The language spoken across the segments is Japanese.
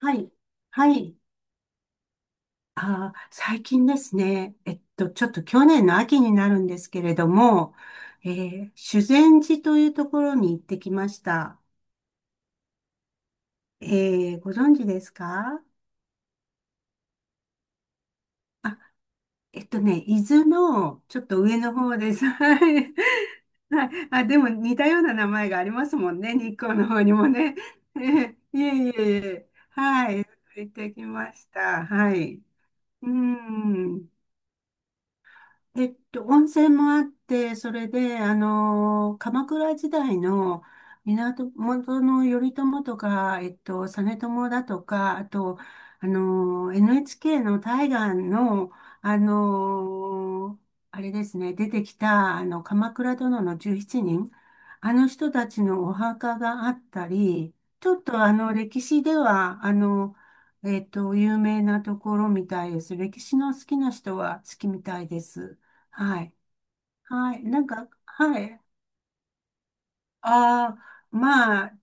はい。はい。最近ですね。ちょっと去年の秋になるんですけれども、修善寺というところに行ってきました。ご存知ですか？伊豆のちょっと上の方です。はい。はい。あ、でも似たような名前がありますもんね。日光の方にもね。いえいえいえ。行ってきました。はい。うーん。温泉もあって、それで、あの鎌倉時代の源の頼朝とか、実朝だとか、あと、NHK の大河の、あのあれですね、出てきた、鎌倉殿の17人、あの人たちのお墓があったり、ちょっと歴史では、有名なところみたいです。歴史の好きな人は好きみたいです。はい。はい。なんか、はい。ああ、まあ、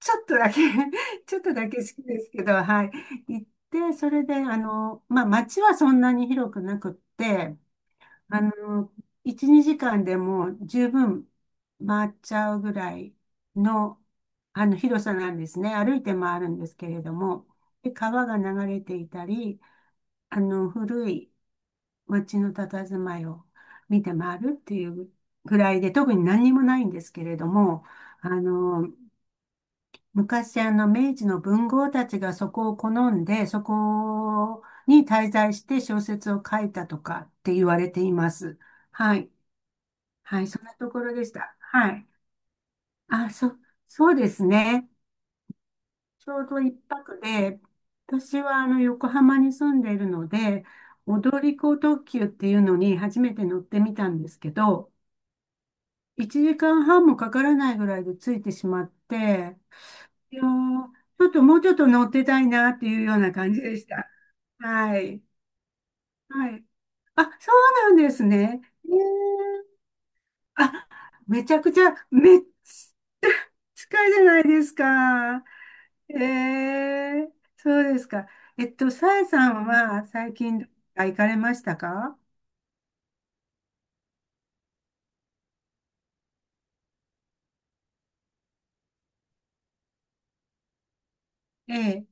ちょっとだけ ちょっとだけ好きですけど、はい。行って、それで、まあ、街はそんなに広くなくって、あの、1、2時間でもう十分回っちゃうぐらいの、広さなんですね。歩いて回るんですけれども、で、川が流れていたり、古い街の佇まいを見て回るっていうぐらいで、特に何にもないんですけれども、あの、昔明治の文豪たちがそこを好んで、そこに滞在して小説を書いたとかって言われています。はい。はい、そんなところでした。はい。あ、そうですね。ちょうど一泊で、私は横浜に住んでいるので、踊り子特急っていうのに初めて乗ってみたんですけど、1時間半もかからないぐらいで着いてしまって、いやー、ちょっともうちょっと乗ってたいなっていうような感じでした。はい。はい。あ、そうなんですね。あ、めちゃくちゃ、近いじゃないですか。えそうですか。さえさんは最近どこか行かれましたか？ええ、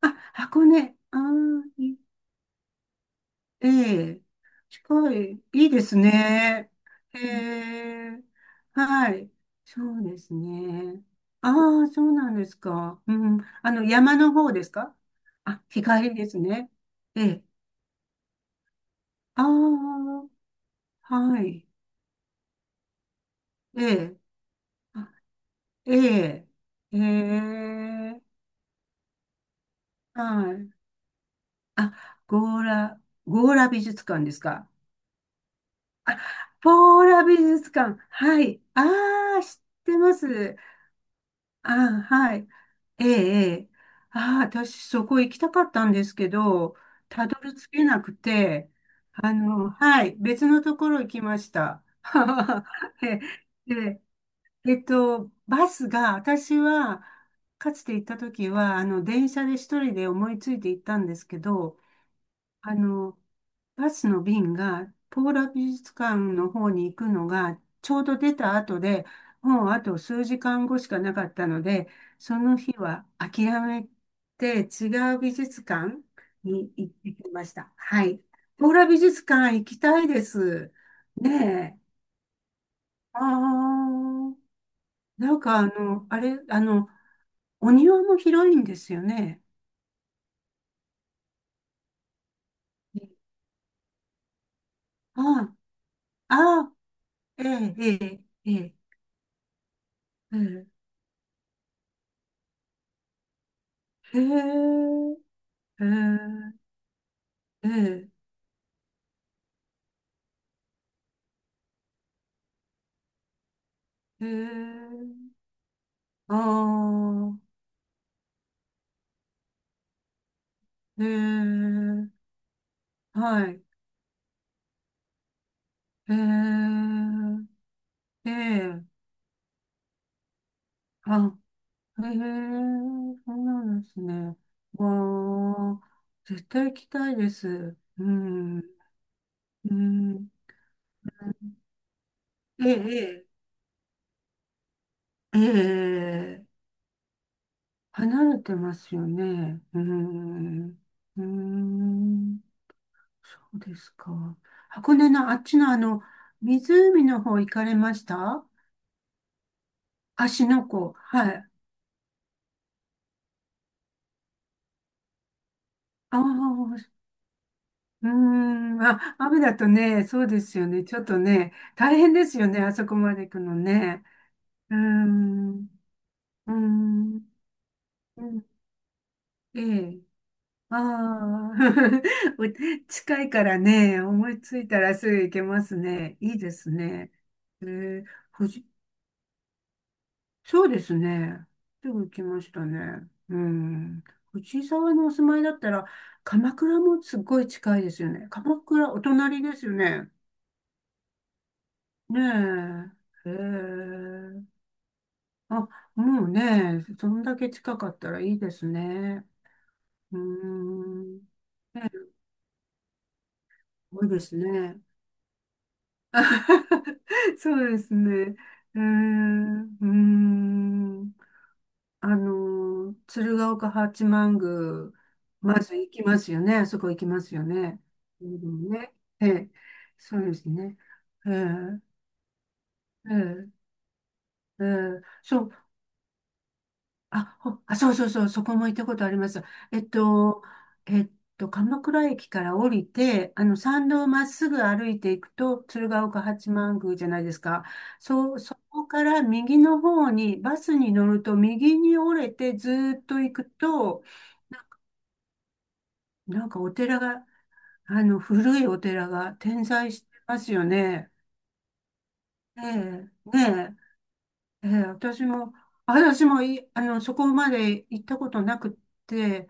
あ、箱根。ああ、いい、ええ、近い、いいですね。へえ、はい、そうですね。ああ、そうなんですか。うん、山の方ですか？あ、日帰りですね。ええ、ああ、はい、ええ、あ、ええ、ええ、はい。あ、ゴーラ、ゴーラ美術館ですか？あ、ポーラ美術館。はい。ああ、知ってます。ああ、はい。ええ、ええ。ああ、私そこ行きたかったんですけど、たどり着けなくて、はい、別のところ行きました。えで、バスが、私は、かつて行った時は、電車で一人で思いついて行ったんですけど、あの、バスの便が、ポーラ美術館の方に行くのが、ちょうど出た後で、もうあと数時間後しかなかったので、その日は諦めて違う美術館に行ってきました。はい。ポーラ美術館行きたいです。ねえ。ああ、なんかあれ、お庭も広いんですよね。ああ、ああ、ええ、ええ、ええ。ええ、へえ、へえ、ええ、へえ、ああ、へえ、はい、へえ、ええ、あ、へえ、そうなんですね。わあ、絶対行きたいです。うん、うん、ええ、ええ、ええ、離れてますよね。うん、うん。そうですか。箱根のあっちの湖の方行かれました？芦ノ湖。はい。ああ、うーん。あ、雨だとね、そうですよね。ちょっとね、大変ですよね。あそこまで行くのね。うーん。うーん。うん、ええ。ああ。近いからね、思いついたらすぐ行けますね。いいですね。ええ、そうですね。すぐ行きましたね。うん。藤井沢のお住まいだったら、鎌倉もすっごい近いですよね。鎌倉、お隣ですよね。ねえ。へえ。あ、もうね、そんだけ近かったらいいですね。うーん。多いですね。そうですね。うーん。うーん。鶴岡八幡宮、まず行きますよね。そこ行きますよね。うんね。ええ、そうですね。ええ、ええ、ええ、そう、あ、ほあ、そうそうそう、そこも行ったことあります。えっと、えっ鎌倉駅から降りて、参道をまっすぐ歩いていくと、鶴岡八幡宮じゃないですか。そう、そこから右の方に、バスに乗ると右に折れてずーっと行くと、なんかお寺が、古いお寺が点在してますよね。ええ、ねえ、ええ、私も、そこまで行ったことなくって、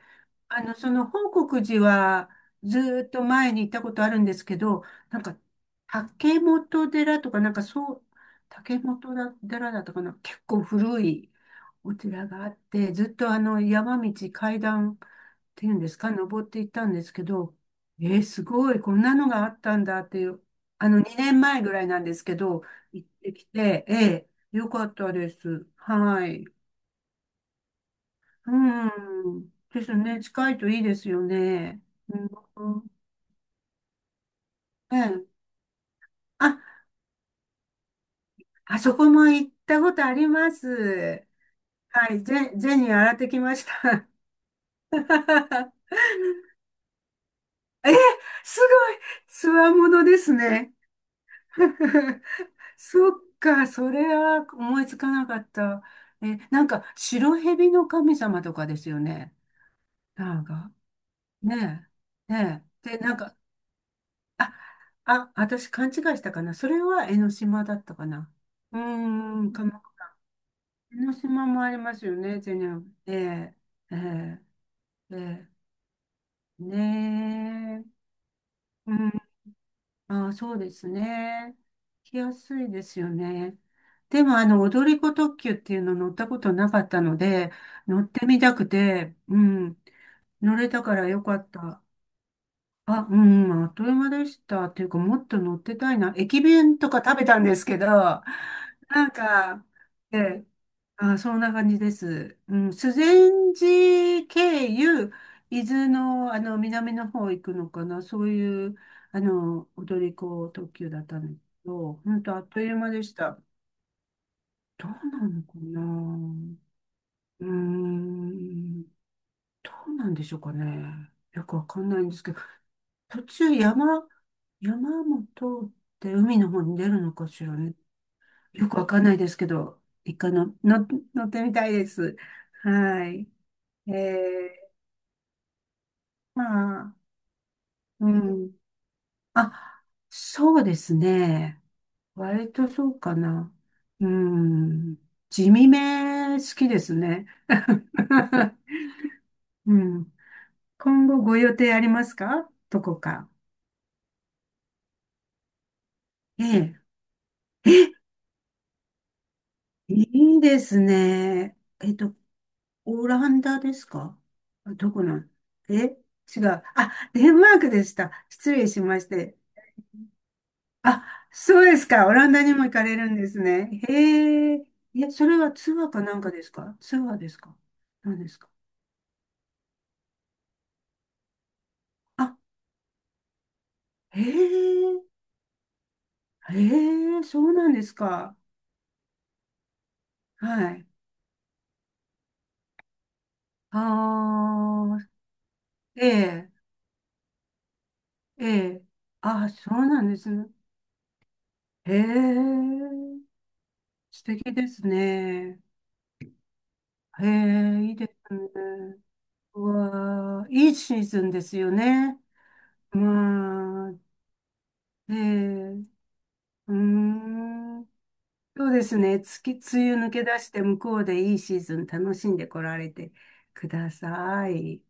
報国寺はずーっと前に行ったことあるんですけど、なんか、竹本寺とか、なんかそう、竹本寺だったかな、結構古いお寺があって、ずっと山道、階段、ていうんですか、登っていったんですけど、すごい、こんなのがあったんだっていう、2年前ぐらいなんですけど、行ってきて、ええ、よかったです。はい。うん。ですね、近いといいですよね。うん。ええ。あ、あそこも行ったことあります。はい、ゼニー洗ってきました。え、すごい、つわものですね。そっか、それは思いつかなかった。え、なんか、白蛇の神様とかですよね。なんか、ねえ、ねえ。で、なんか、あ、あ、私勘違いしたかな。それは江ノ島だったかな。うーん、鎌倉、江ノ島もありますよね、全然。ええ、ええ、ええ、ねえ。うん、ああ、そうですね。来やすいですよね。でも、踊り子特急っていうの乗ったことなかったので、乗ってみたくて、うん、乗れたからよかった。あ、うん、あっという間でした。っていうか、もっと乗ってたいな。駅弁とか食べたんですけど、なんか、ええ、あ、そんな感じです。うん、修善寺経由、伊豆の、南の方行くのかな、そういう踊り子特急だったんですけど、本当あっという間でした。どうなのかな。うーん、どうなんでしょうかね。よくわかんないんですけど、途中山も通って海の方に出るのかしらね。よくわかんないですけど、一回乗ってみたいです。はい。ええ、まあ、うん。あ、そうですね。割とそうかな。うん。地味め好きですね。うん。今後ご予定ありますか？どこか。ええ。え、いいですね。オランダですか？どこなん、え、違う。あ、デンマークでした。失礼しまして。あ、そうですか。オランダにも行かれるんですね。へえ。いや、それはツアーかなんかですか？ツアーですか？何ですか？あ、へえ。へえ、そうなんですか。はい。ああ、ええ、ええ。あ、そうなんですね。へえ、素敵ですね。へえ、いいですね。うわあ、いいシーズンですよね。まあ、ええ、うーん。そうですね。梅雨抜け出して向こうでいいシーズン楽しんでこられてください。